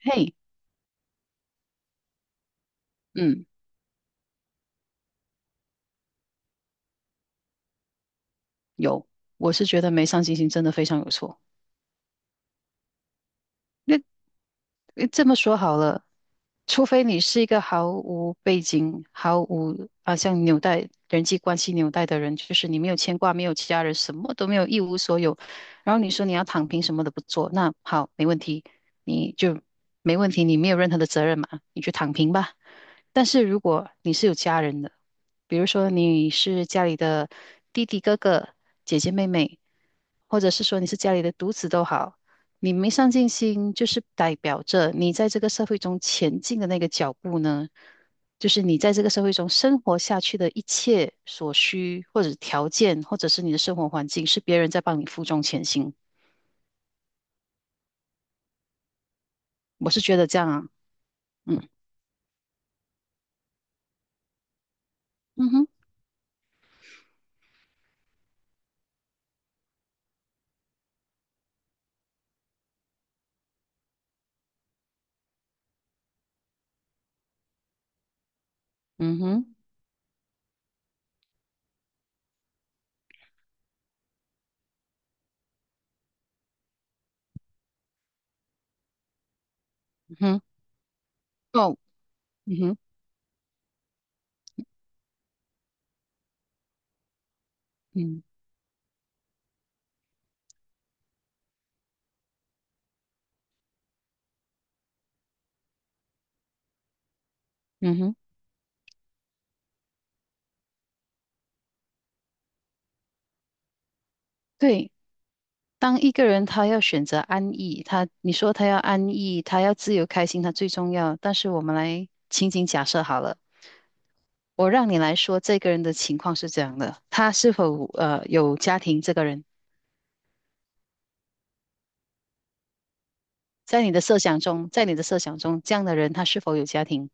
嘿，嗯，有，我是觉得没上进心真的非常有错。诶这么说好了，除非你是一个毫无背景、毫无像纽带人际关系纽带的人，就是你没有牵挂、没有其他人，什么都没有，一无所有。然后你说你要躺平，什么都不做，那好，没问题，你就没问题，你没有任何的责任嘛，你去躺平吧。但是如果你是有家人的，比如说你是家里的弟弟、哥哥、姐姐、妹妹，或者是说你是家里的独子都好，你没上进心，就是代表着你在这个社会中前进的那个脚步呢，就是你在这个社会中生活下去的一切所需，或者条件，或者是你的生活环境，是别人在帮你负重前行。我是觉得这样啊。嗯嗯哼，嗯哼，嗯哼，哦，嗯哼，嗯嗯哼，对。当一个人他要选择安逸，你说他要安逸，他要自由开心，他最重要。但是我们来情景假设好了，我让你来说这个人的情况是这样的，他是否有家庭？这个人在你的设想中，在你的设想中，这样的人他是否有家庭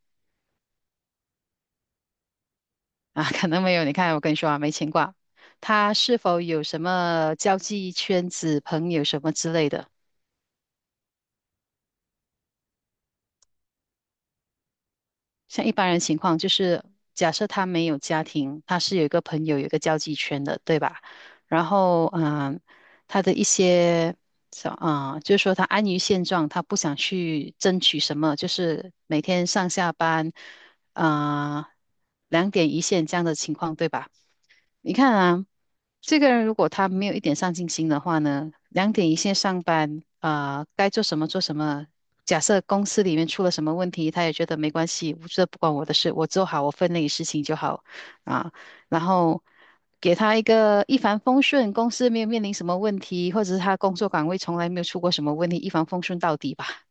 啊？可能没有。你看，我跟你说啊，没牵挂。他是否有什么交际圈子、朋友什么之类的？像一般人情况，就是假设他没有家庭，他是有一个朋友，有一个交际圈的，对吧？然后，他的一些，就是说他安于现状，他不想去争取什么，就是每天上下班，啊、两点一线这样的情况，对吧？你看啊，这个人如果他没有一点上进心的话呢，两点一线上班啊，该做什么做什么。假设公司里面出了什么问题，他也觉得没关系，我这不关我的事，我做好我分内的事情就好啊。然后给他一个一帆风顺，公司没有面临什么问题，或者是他工作岗位从来没有出过什么问题，一帆风顺到底吧。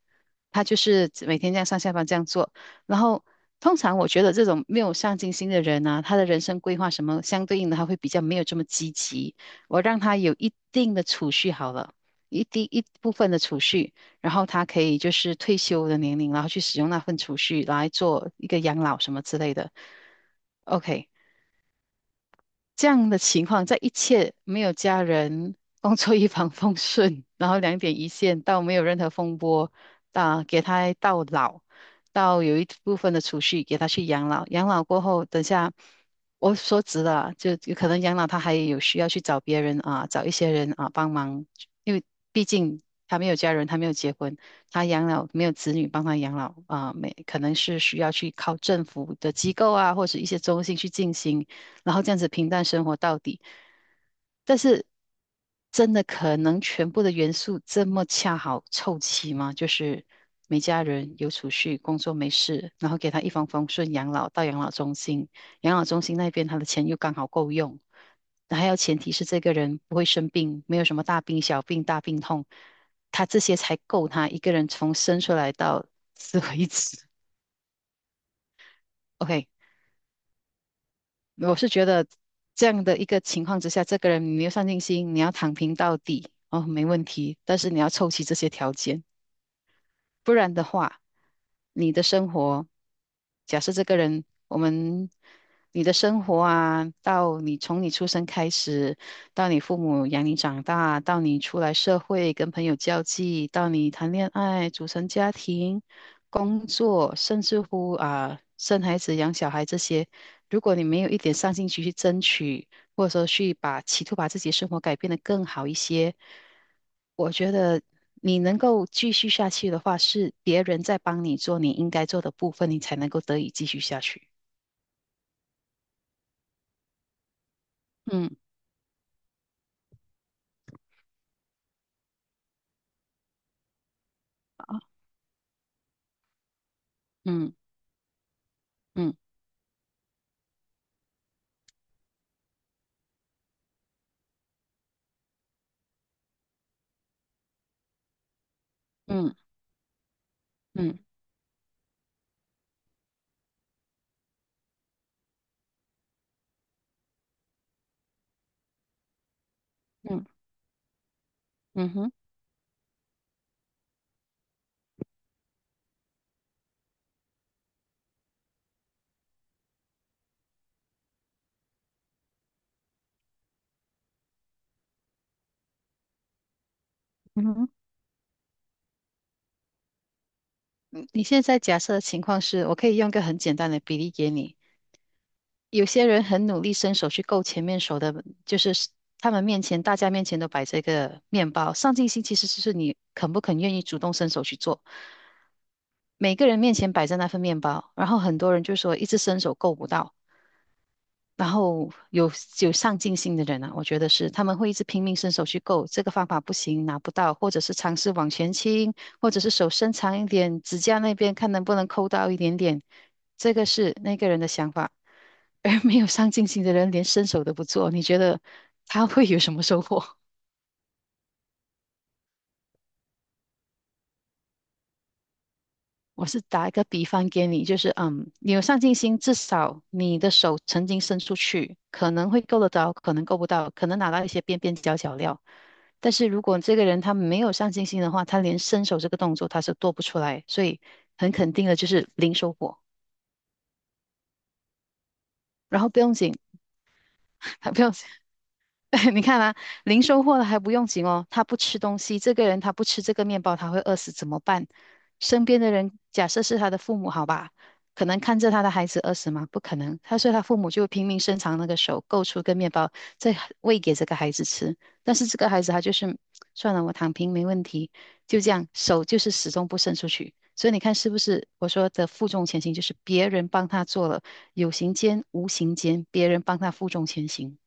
他就是每天这样上下班这样做。然后，通常我觉得这种没有上进心的人呢、他的人生规划什么相对应的，他会比较没有这么积极。我让他有一定的储蓄好了，一定一部分的储蓄，然后他可以就是退休的年龄，然后去使用那份储蓄来做一个养老什么之类的。OK，这样的情况，在一切没有家人、工作一帆风顺，然后两点一线，到没有任何风波，啊，给他到老，到有一部分的储蓄给他去养老。养老过后，等下我说直了啊就有可能养老他还有需要去找别人啊，找一些人啊帮忙，因为毕竟他没有家人，他没有结婚，他养老没有子女帮他养老啊，没可能是需要去靠政府的机构啊，或者一些中心去进行。然后这样子平淡生活到底。但是真的可能全部的元素这么恰好凑齐吗？就是没家人，有储蓄，工作没事，然后给他一帆风顺养老到养老中心，养老中心那边他的钱又刚好够用，还要前提是这个人不会生病，没有什么大病小病大病痛，他这些才够他一个人从生出来到死为止。OK，我是觉得这样的一个情况之下，这个人你没有上进心，你要躺平到底，哦，没问题，但是你要凑齐这些条件。不然的话，你的生活，假设这个人，我们，你的生活啊，到你从你出生开始，到你父母养你长大，到你出来社会跟朋友交际，到你谈恋爱、组成家庭、工作，甚至乎啊，生孩子、养小孩这些，如果你没有一点上进心去争取，或者说企图把自己的生活改变得更好一些，我觉得你能够继续下去的话，是别人在帮你做你应该做的部分，你才能够得以继续下去。嗯嗯嗯嗯嗯嗯嗯哼嗯哼。嗯你现在假设的情况是，我可以用一个很简单的比例给你。有些人很努力伸手去够前面手的，就是他们面前，大家面前都摆着一个面包。上进心其实就是你肯不肯愿意主动伸手去做。每个人面前摆着那份面包，然后很多人就说一直伸手够不到，然后有上进心的人呢，我觉得是他们会一直拼命伸手去够，这个方法不行，拿不到，或者是尝试往前倾，或者是手伸长一点，指甲那边看能不能抠到一点点，这个是那个人的想法。而没有上进心的人连伸手都不做，你觉得他会有什么收获？我是打一个比方给你，就是你有上进心，至少你的手曾经伸出去，可能会够得着，可能够不到，可能拿到一些边边角角料。但是如果这个人他没有上进心的话，他连伸手这个动作他是做不出来，所以很肯定的就是零收获。然后不用紧，不用紧，你看啊，零收获了还不用紧哦，他不吃东西，这个人他不吃这个面包，他会饿死怎么办？身边的人，假设是他的父母，好吧，可能看着他的孩子饿死吗？不可能，所以他父母就拼命伸长那个手，够出个面包，再喂给这个孩子吃。但是这个孩子他就是算了，我躺平没问题，就这样，手就是始终不伸出去。所以你看是不是我说的负重前行，就是别人帮他做了，有形间无形间，别人帮他负重前行。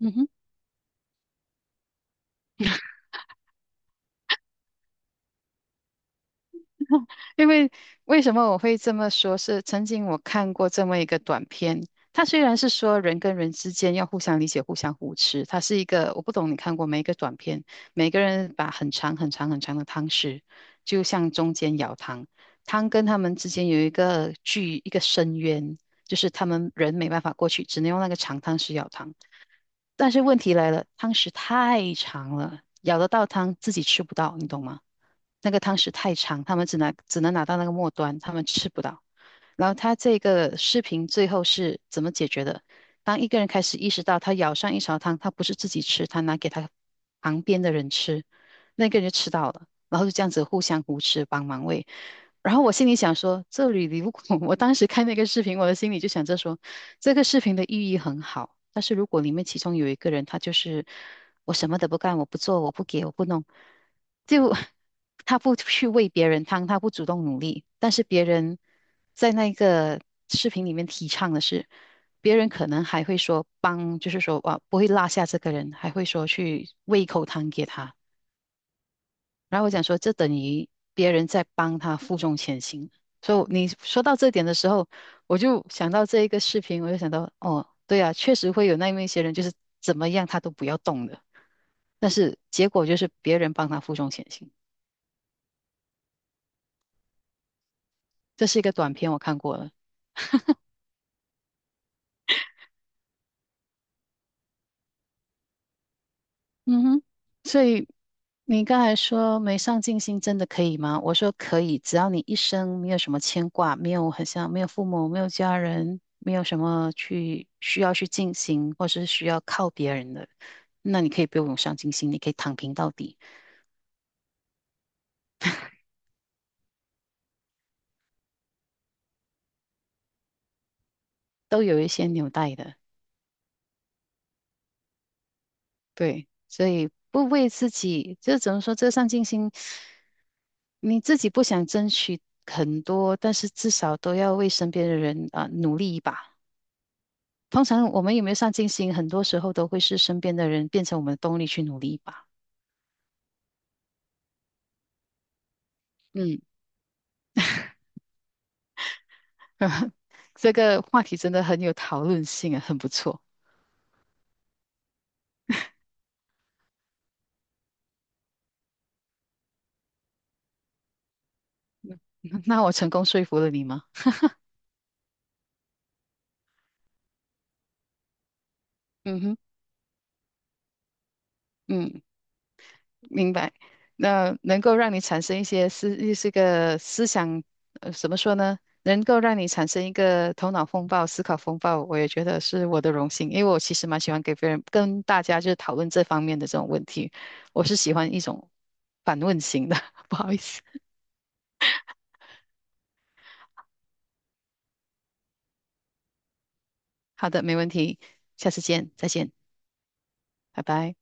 嗯哼。因为为什么我会这么说？是曾经我看过这么一个短片，它虽然是说人跟人之间要互相理解、互相扶持，它是一个我不懂你看过没？一个短片，每个人把很长很长很长的汤匙，就向中间舀汤，汤跟他们之间有一个深渊，就是他们人没办法过去，只能用那个长汤匙舀汤。但是问题来了，汤匙太长了，舀得到汤自己吃不到，你懂吗？那个汤匙太长，他们只能拿到那个末端，他们吃不到。然后他这个视频最后是怎么解决的？当一个人开始意识到他舀上一勺汤，他不是自己吃，他拿给他旁边的人吃，那个人就吃到了，然后就这样子互相扶持，帮忙喂。然后我心里想说，这里如果 我当时看那个视频，我的心里就想着说，这个视频的寓意很好，但是如果里面其中有一个人，他就是我什么都不干，我不做，我不给，我不弄，就 他不去喂别人汤，他不主动努力，但是别人在那个视频里面提倡的是，别人可能还会说帮，就是说哇，不会落下这个人，还会说去喂一口汤给他。然后我想说，这等于别人在帮他负重前行。所以你说到这点的时候，我就想到这一个视频，我就想到，哦，对啊，确实会有那么一些人，就是怎么样他都不要动的，但是结果就是别人帮他负重前行。这是一个短片，我看过了。嗯哼，所以你刚才说没上进心真的可以吗？我说可以，只要你一生没有什么牵挂，没有很像没有父母，没有家人，没有什么去需要去进行，或是需要靠别人的，那你可以不用有上进心，你可以躺平到底，都有一些纽带的。对，所以不为自己，这怎么说？这个上进心，你自己不想争取很多，但是至少都要为身边的人啊、努力一把。通常我们有没有上进心，很多时候都会是身边的人变成我们的动力去努力吧。嗯，这个话题真的很有讨论性啊，很不错。那我成功说服了你吗？嗯哼，嗯，明白。那能够让你产生一些思，这个思想，怎么说呢？能够让你产生一个头脑风暴、思考风暴，我也觉得是我的荣幸，因为我其实蛮喜欢给别人跟大家就是讨论这方面的这种问题，我是喜欢一种反问型的，不好意思。好的，没问题，下次见，再见，拜拜。